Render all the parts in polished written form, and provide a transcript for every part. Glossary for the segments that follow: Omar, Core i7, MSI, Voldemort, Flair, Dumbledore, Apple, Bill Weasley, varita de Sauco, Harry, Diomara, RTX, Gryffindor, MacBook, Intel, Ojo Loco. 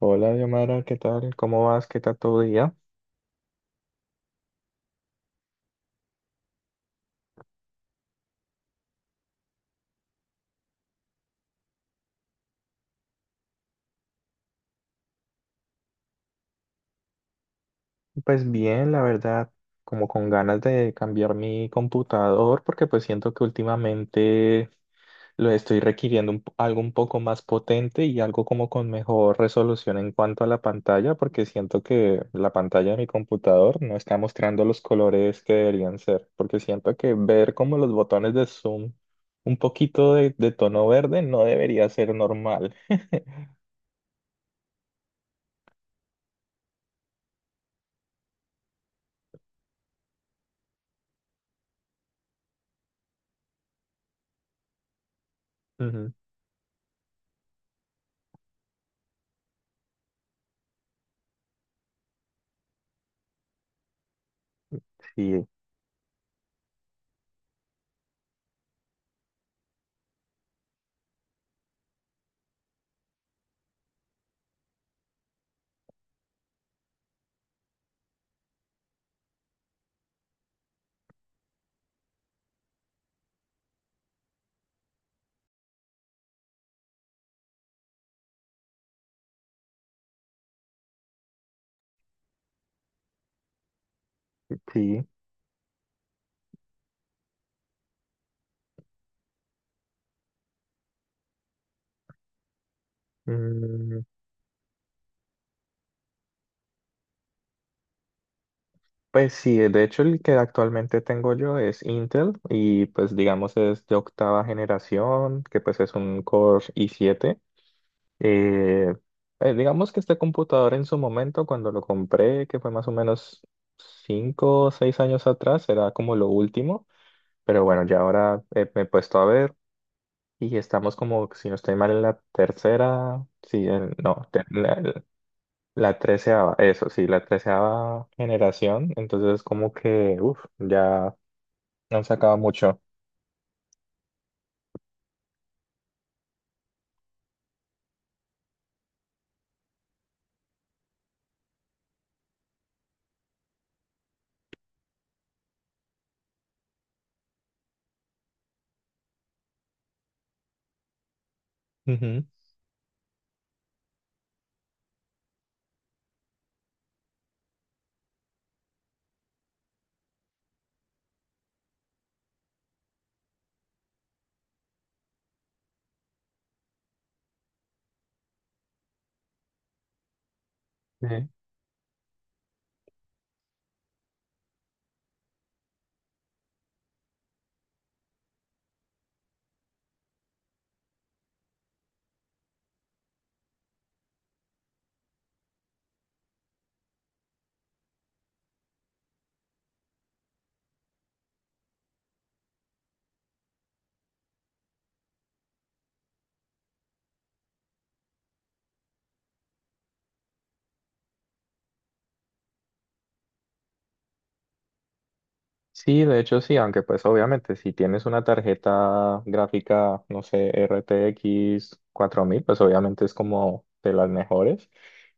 Hola, Diomara, ¿qué tal? ¿Cómo vas? ¿Qué tal tu día? Pues bien, la verdad, como con ganas de cambiar mi computador porque pues siento que últimamente lo estoy requiriendo algo un poco más potente y algo como con mejor resolución en cuanto a la pantalla porque siento que la pantalla de mi computador no está mostrando los colores que deberían ser porque siento que ver como los botones de zoom un poquito de tono verde no debería ser normal. Ujú. Sí, sí. Mm, Pues sí, de hecho el que actualmente tengo yo es Intel y pues digamos es de octava generación, que pues es un Core i7. Eh, digamos que este computador en su momento cuando lo compré, que fue más o menos cinco o 6 años atrás, era como lo último, pero bueno, ya ahora me he puesto a ver y estamos como, si no estoy mal, en la tercera. Sí, no. La treceava, eso sí, la treceava generación, entonces como que, uff, ya han sacado mucho. Ujú. Sí. Sí, de hecho sí, aunque pues obviamente si tienes una tarjeta gráfica, no sé, RTX 1000 pues obviamente es como de las mejores.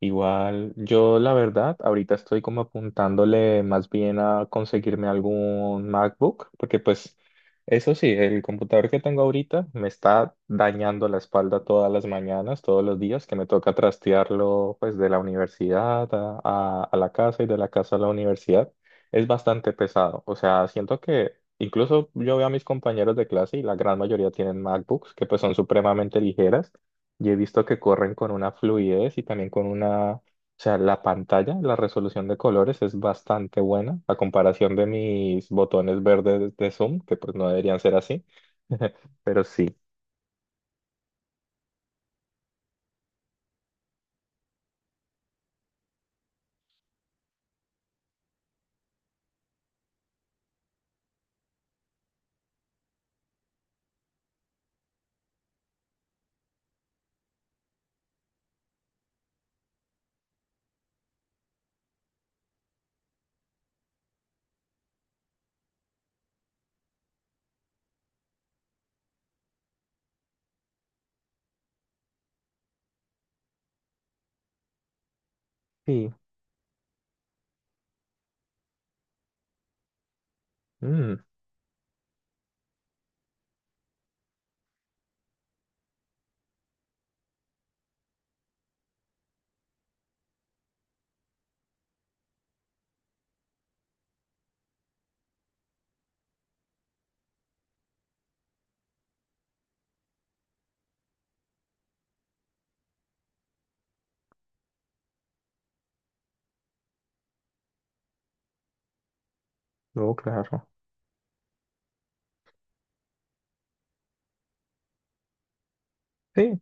Igual yo la verdad, ahorita estoy como apuntándole más bien a conseguirme algún MacBook, porque pues eso sí, el computador que tengo ahorita me está dañando la espalda todas las mañanas, todos los días, que me toca trastearlo pues de la universidad a la casa y de la casa a la universidad es bastante pesado. O sea, siento que incluso yo veo a mis compañeros de clase y la gran mayoría tienen MacBooks que pues son supremamente ligeras y he visto que corren con una fluidez y también con una, o sea, la pantalla, la resolución de colores es bastante buena a comparación de mis botones verdes de Zoom, que pues no deberían ser así, pero sí. Sí. Mm, no, claro. Sí.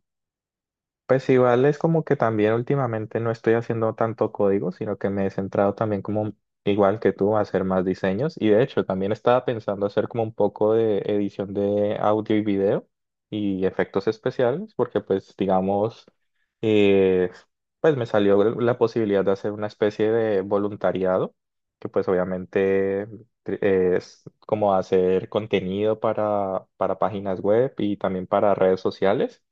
Pues igual es como que también últimamente no estoy haciendo tanto código, sino que me he centrado también como igual que tú a hacer más diseños y de hecho también estaba pensando hacer como un poco de edición de audio y video y efectos especiales porque pues digamos eh, pues me salió la posibilidad de hacer una especie de voluntariado que pues obviamente es como hacer contenido para páginas web y también para redes sociales.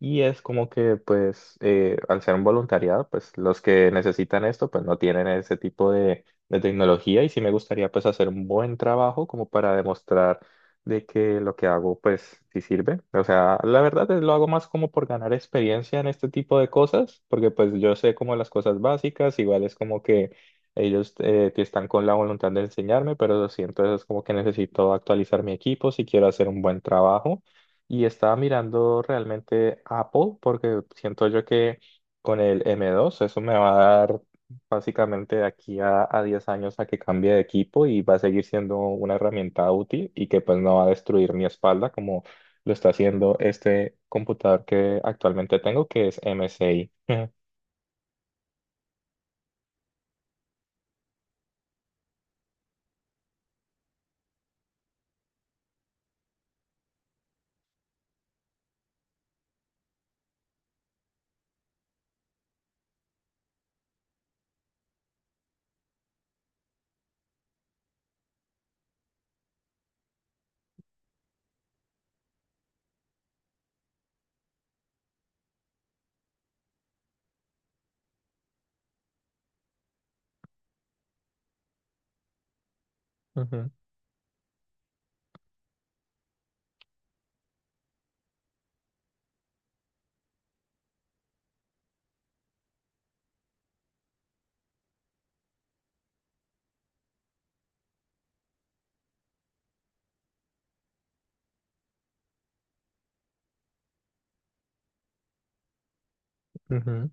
Y es como que, pues, al ser un voluntariado, pues los que necesitan esto, pues no tienen ese tipo de tecnología y sí me gustaría, pues, hacer un buen trabajo como para demostrar de que lo que hago, pues, sí sirve. O sea, la verdad es lo hago más como por ganar experiencia en este tipo de cosas, porque, pues, yo sé como las cosas básicas, igual es como que ellos que están con la voluntad de enseñarme, pero sí, entonces es como que necesito actualizar mi equipo si quiero hacer un buen trabajo. Y estaba mirando realmente Apple porque siento yo que con el M2 eso me va a dar básicamente de aquí a 10 años a que cambie de equipo y va a seguir siendo una herramienta útil y que pues no va a destruir mi espalda como lo está haciendo este computador que actualmente tengo que es MSI. Ujú. Ujú, ujú.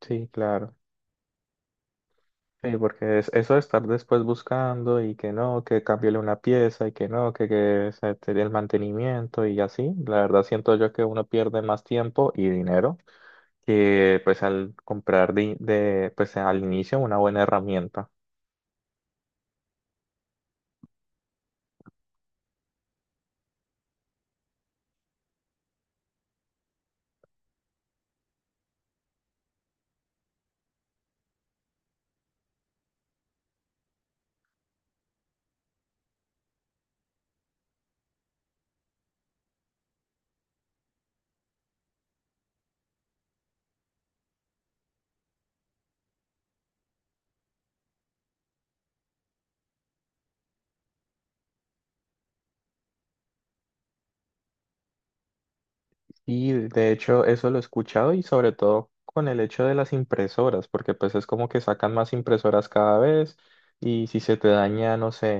Sí, claro. Sí, porque es, eso de estar después buscando y que no, que cámbiale una pieza y que no, que se te dé el mantenimiento y así, la verdad siento yo que uno pierde más tiempo y dinero que pues al comprar pues al inicio una buena herramienta. Y de hecho eso lo he escuchado y sobre todo con el hecho de las impresoras, porque pues es como que sacan más impresoras cada vez y si se te daña, no sé,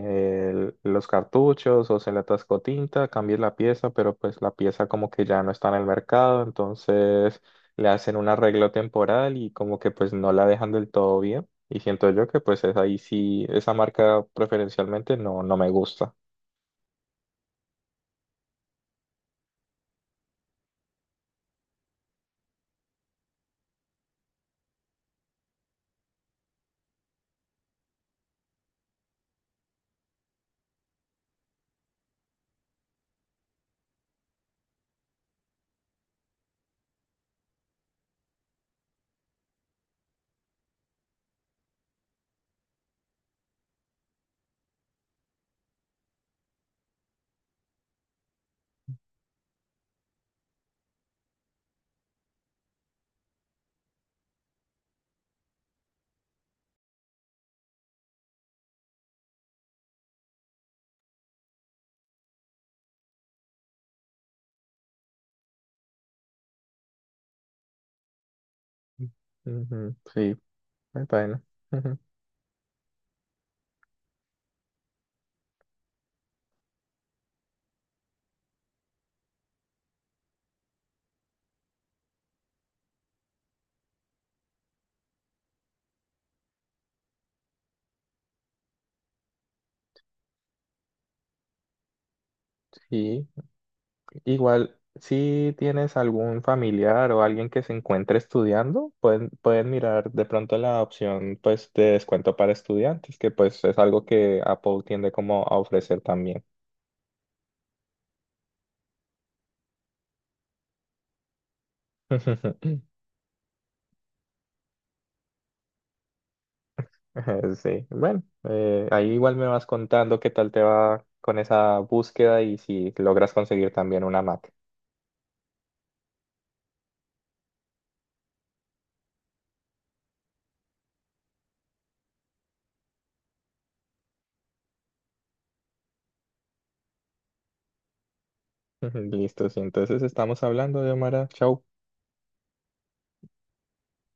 los cartuchos o se le atascó tinta, cambies la pieza, pero pues la pieza como que ya no está en el mercado, entonces le hacen un arreglo temporal y como que pues no la dejan del todo bien. Y siento yo que pues es ahí sí, esa marca preferencialmente no, no me gusta. Ujú, sí, bueno. Ujú. Sí. Igual, si tienes algún familiar o alguien que se encuentre estudiando, pueden mirar de pronto la opción pues de descuento para estudiantes, que pues es algo que Apple tiende como a ofrecer también. Sí, bueno, ahí igual me vas contando qué tal te va con esa búsqueda y si logras conseguir también una Mac. Listo, sí, entonces estamos hablando de Omar. Chau.